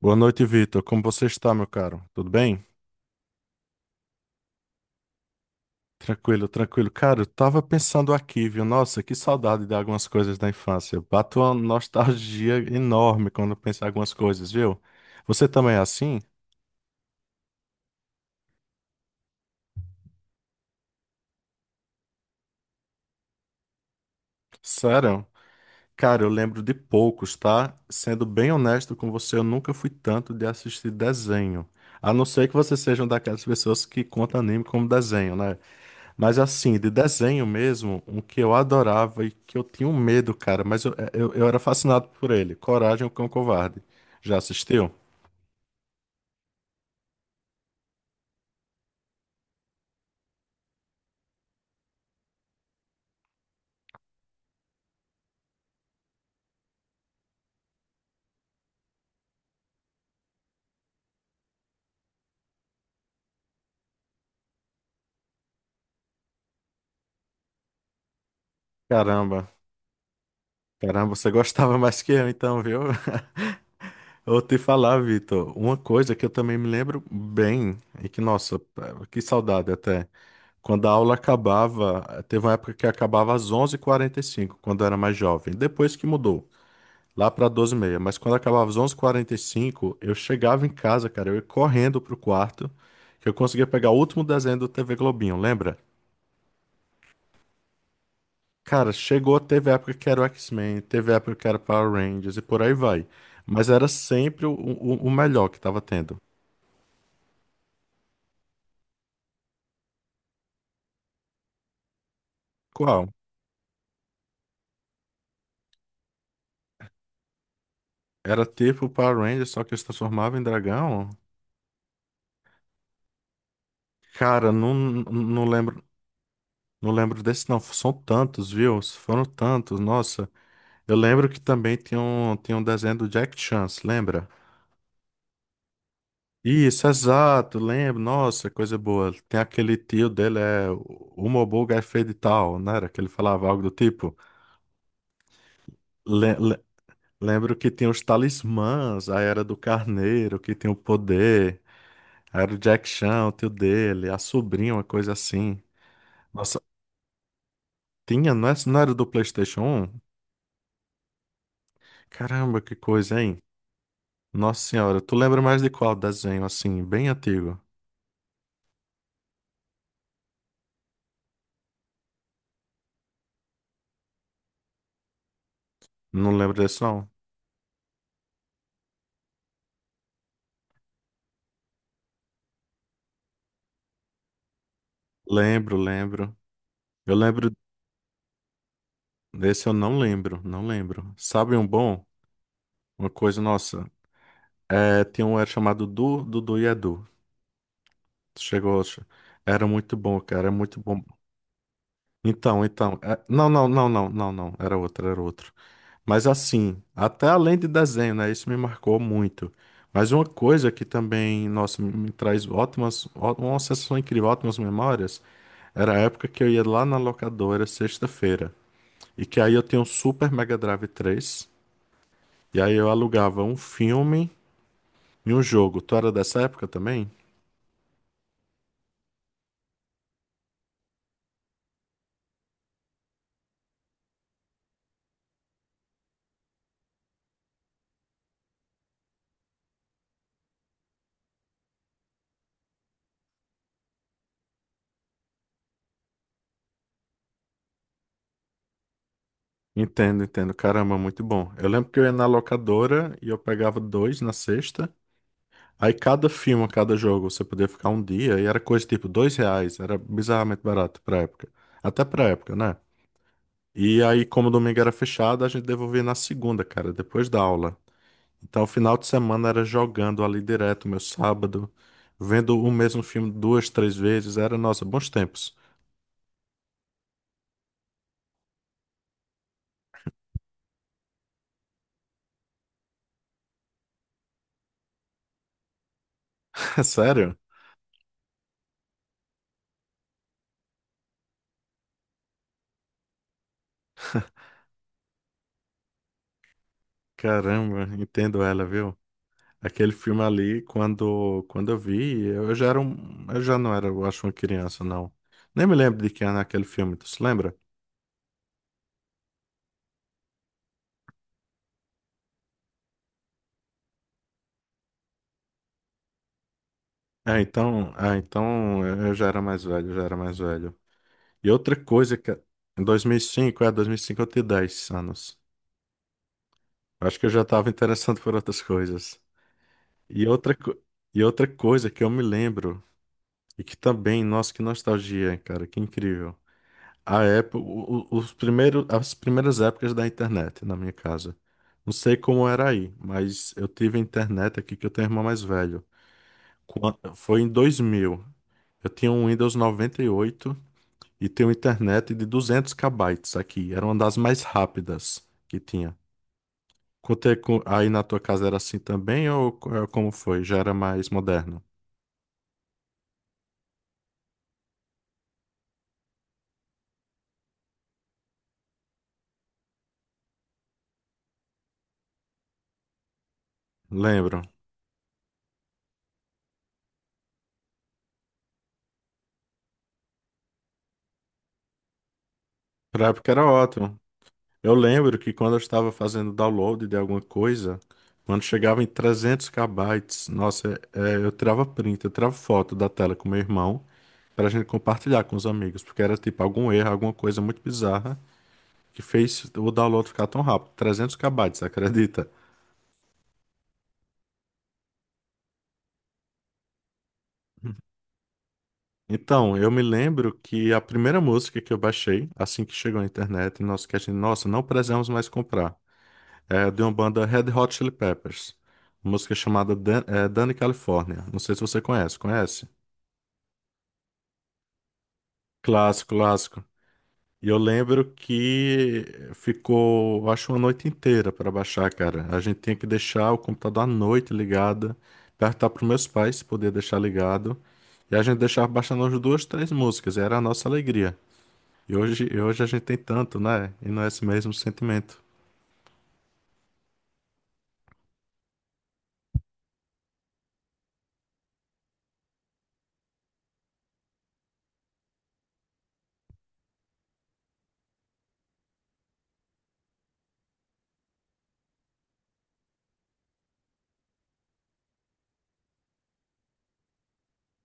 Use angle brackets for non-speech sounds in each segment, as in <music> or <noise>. Boa noite, Vitor. Como você está, meu caro? Tudo bem? Tranquilo, tranquilo. Cara, eu tava pensando aqui, viu? Nossa, que saudade de algumas coisas da infância. Bato uma nostalgia enorme quando penso em algumas coisas, viu? Você também é assim? Sério? Cara, eu lembro de poucos, tá? Sendo bem honesto com você, eu nunca fui tanto de assistir desenho. A não ser que você seja uma daquelas pessoas que conta anime como desenho, né? Mas assim, de desenho mesmo, um que eu adorava e que eu tinha um medo, cara, mas eu era fascinado por ele. Coragem, o Cão Covarde. Já assistiu? Caramba, caramba, você gostava <laughs> mais que eu então, viu? <laughs> Vou te falar, Vitor, uma coisa que eu também me lembro bem, e que, nossa, que saudade até. Quando a aula acabava, teve uma época que acabava às 11:45 quando eu era mais jovem, depois que mudou. Lá pra 12:30. Mas quando acabava às 11:45, eu chegava em casa, cara. Eu ia correndo pro quarto, que eu conseguia pegar o último desenho do TV Globinho, lembra? Cara, chegou, teve época que era o X-Men, teve época que era Power Rangers e por aí vai. Mas era sempre o melhor que tava tendo. Qual? Era tipo Power Rangers, só que eu se transformava em dragão? Cara, não, não lembro, não lembro desse não. São tantos, viu? Foram tantos, nossa. Eu lembro que também tinha um desenho do Jack Chance, lembra? Isso, exato, lembro. Nossa, coisa boa. Tem aquele tio dele, é o Mobuga é feio de tal, não era? Que ele falava algo do tipo. Le- le- lembro que tinha os talismãs, aí era do carneiro, que tinha o poder, aí era o Jack Chan, o tio dele, a sobrinha, uma coisa assim. Nossa, tinha, não, não era do PlayStation 1? Caramba, que coisa, hein? Nossa Senhora, tu lembra mais de qual desenho, assim, bem antigo? Não lembro desse, não? Lembro, lembro. Eu lembro Desse eu não lembro, não lembro. Sabe um bom? Uma coisa, nossa. É, tem um era chamado Dudu e Edu. Chegou. Era muito bom, cara. Era muito bom. Então. Não, não, não, não, não, não. Era outro, era outro. Mas assim, até além de desenho, né? Isso me marcou muito. Mas uma coisa que também, nossa, me traz ótimas, uma sensação incrível, ótimas memórias. Era a época que eu ia lá na locadora, sexta-feira. E que aí eu tinha um Super Mega Drive 3. E aí eu alugava um filme e um jogo. Tu era dessa época também? Entendo, entendo. Caramba, muito bom. Eu lembro que eu ia na locadora e eu pegava dois na sexta. Aí cada filme, cada jogo, você podia ficar um dia e era coisa tipo R$ 2. Era bizarramente barato pra época. Até pra época, né? E aí, como o domingo era fechado, a gente devolvia na segunda, cara, depois da aula. Então, o final de semana era jogando ali direto, meu sábado, vendo o mesmo filme duas, três vezes. Era, nossa, bons tempos. <laughs> Sério? Caramba, entendo ela, viu? Aquele filme ali, quando eu vi, eu já não era, eu acho, uma criança, não. Nem me lembro de quem era aquele filme, tu se lembra? Ah, então, eu já era mais velho, eu já era mais velho. E outra coisa que em 2005 eu tinha 10 anos. Eu acho que eu já estava interessado por outras coisas. E outra, co- e outra coisa que eu me lembro, e que também, nossa, que nostalgia, cara, que incrível. A época, as primeiras épocas da internet na minha casa. Não sei como era aí, mas eu tive internet aqui que eu tenho um irmão mais velho. Foi em 2000. Eu tinha um Windows 98 e tinha uma internet de 200 kbytes aqui. Era uma das mais rápidas que tinha. Contei com, aí na tua casa era assim também ou como foi? Já era mais moderno? Lembro. Pra época era ótimo. Eu lembro que quando eu estava fazendo download de alguma coisa, quando chegava em 300 kbytes, nossa, eu tirava print, eu tirava foto da tela com meu irmão para a gente compartilhar com os amigos, porque era tipo algum erro, alguma coisa muito bizarra que fez o download ficar tão rápido. 300 kbytes, acredita? Então, eu me lembro que a primeira música que eu baixei, assim que chegou à internet, nós que a gente, nossa, não precisamos mais comprar. É de uma banda Red Hot Chili Peppers. Uma música chamada Danny California. Não sei se você conhece. Conhece? Clássico, clássico. E eu lembro que ficou, acho, uma noite inteira para baixar, cara. A gente tinha que deixar o computador à noite ligado, perguntar para meus pais se podia deixar ligado. E a gente deixava baixando as duas, três músicas. E era a nossa alegria. E hoje a gente tem tanto, né? E não é esse mesmo sentimento.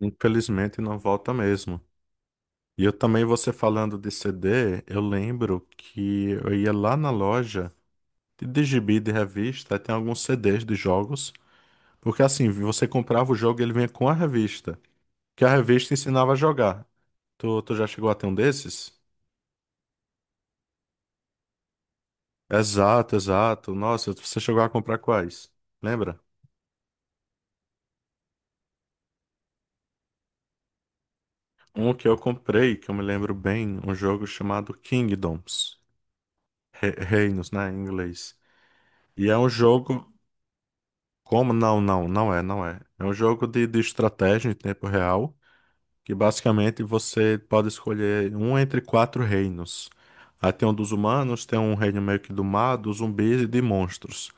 Infelizmente não volta mesmo. E eu também, você falando de CD, eu lembro que eu ia lá na loja de gibi de revista, aí tem alguns CDs de jogos, porque assim, você comprava o jogo e ele vinha com a revista, que a revista ensinava a jogar. Tu já chegou a ter um desses? Exato, exato. Nossa, você chegou a comprar quais? Lembra? Um que eu comprei, que eu me lembro bem, um jogo chamado Kingdoms. Reinos, né, em inglês. E é um jogo. Como? Não, não, não é, não é. É um jogo de estratégia em tempo real, que basicamente você pode escolher um entre quatro reinos. Aí tem um dos humanos, tem um reino meio que do mar, dos zumbis e de monstros.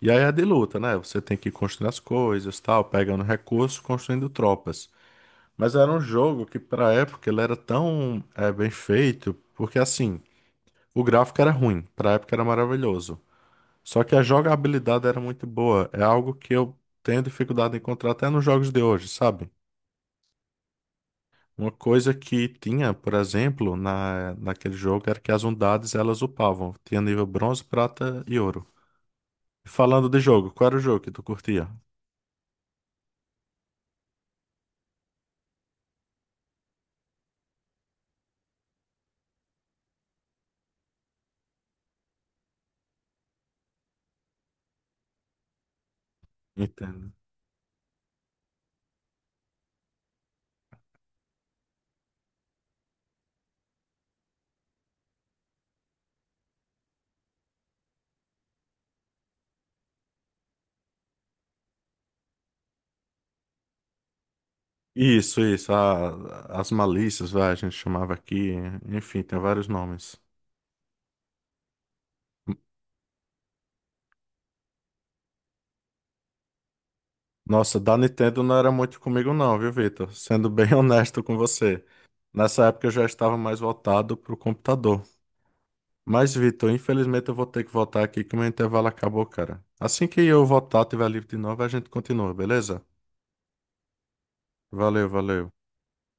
E aí é de luta, né? Você tem que construir as coisas, tal, pegando recursos, construindo tropas. Mas era um jogo que, pra época, ele era tão bem feito, porque assim, o gráfico era ruim, pra época era maravilhoso. Só que a jogabilidade era muito boa. É algo que eu tenho dificuldade em encontrar até nos jogos de hoje, sabe? Uma coisa que tinha, por exemplo, naquele jogo era que as unidades elas upavam. Tinha nível bronze, prata e ouro. Falando de jogo, qual era o jogo que tu curtia? Entendo. Isso, isso. As malícias, vai, a gente chamava aqui. Enfim, tem vários nomes. Nossa, da Nintendo não era muito comigo não, viu, Vitor? Sendo bem <laughs> honesto com você. Nessa época eu já estava mais voltado pro computador. Mas, Vitor, infelizmente eu vou ter que voltar aqui que o meu intervalo acabou, cara. Assim que eu voltar, tiver livre de novo, a gente continua, beleza? Valeu, valeu.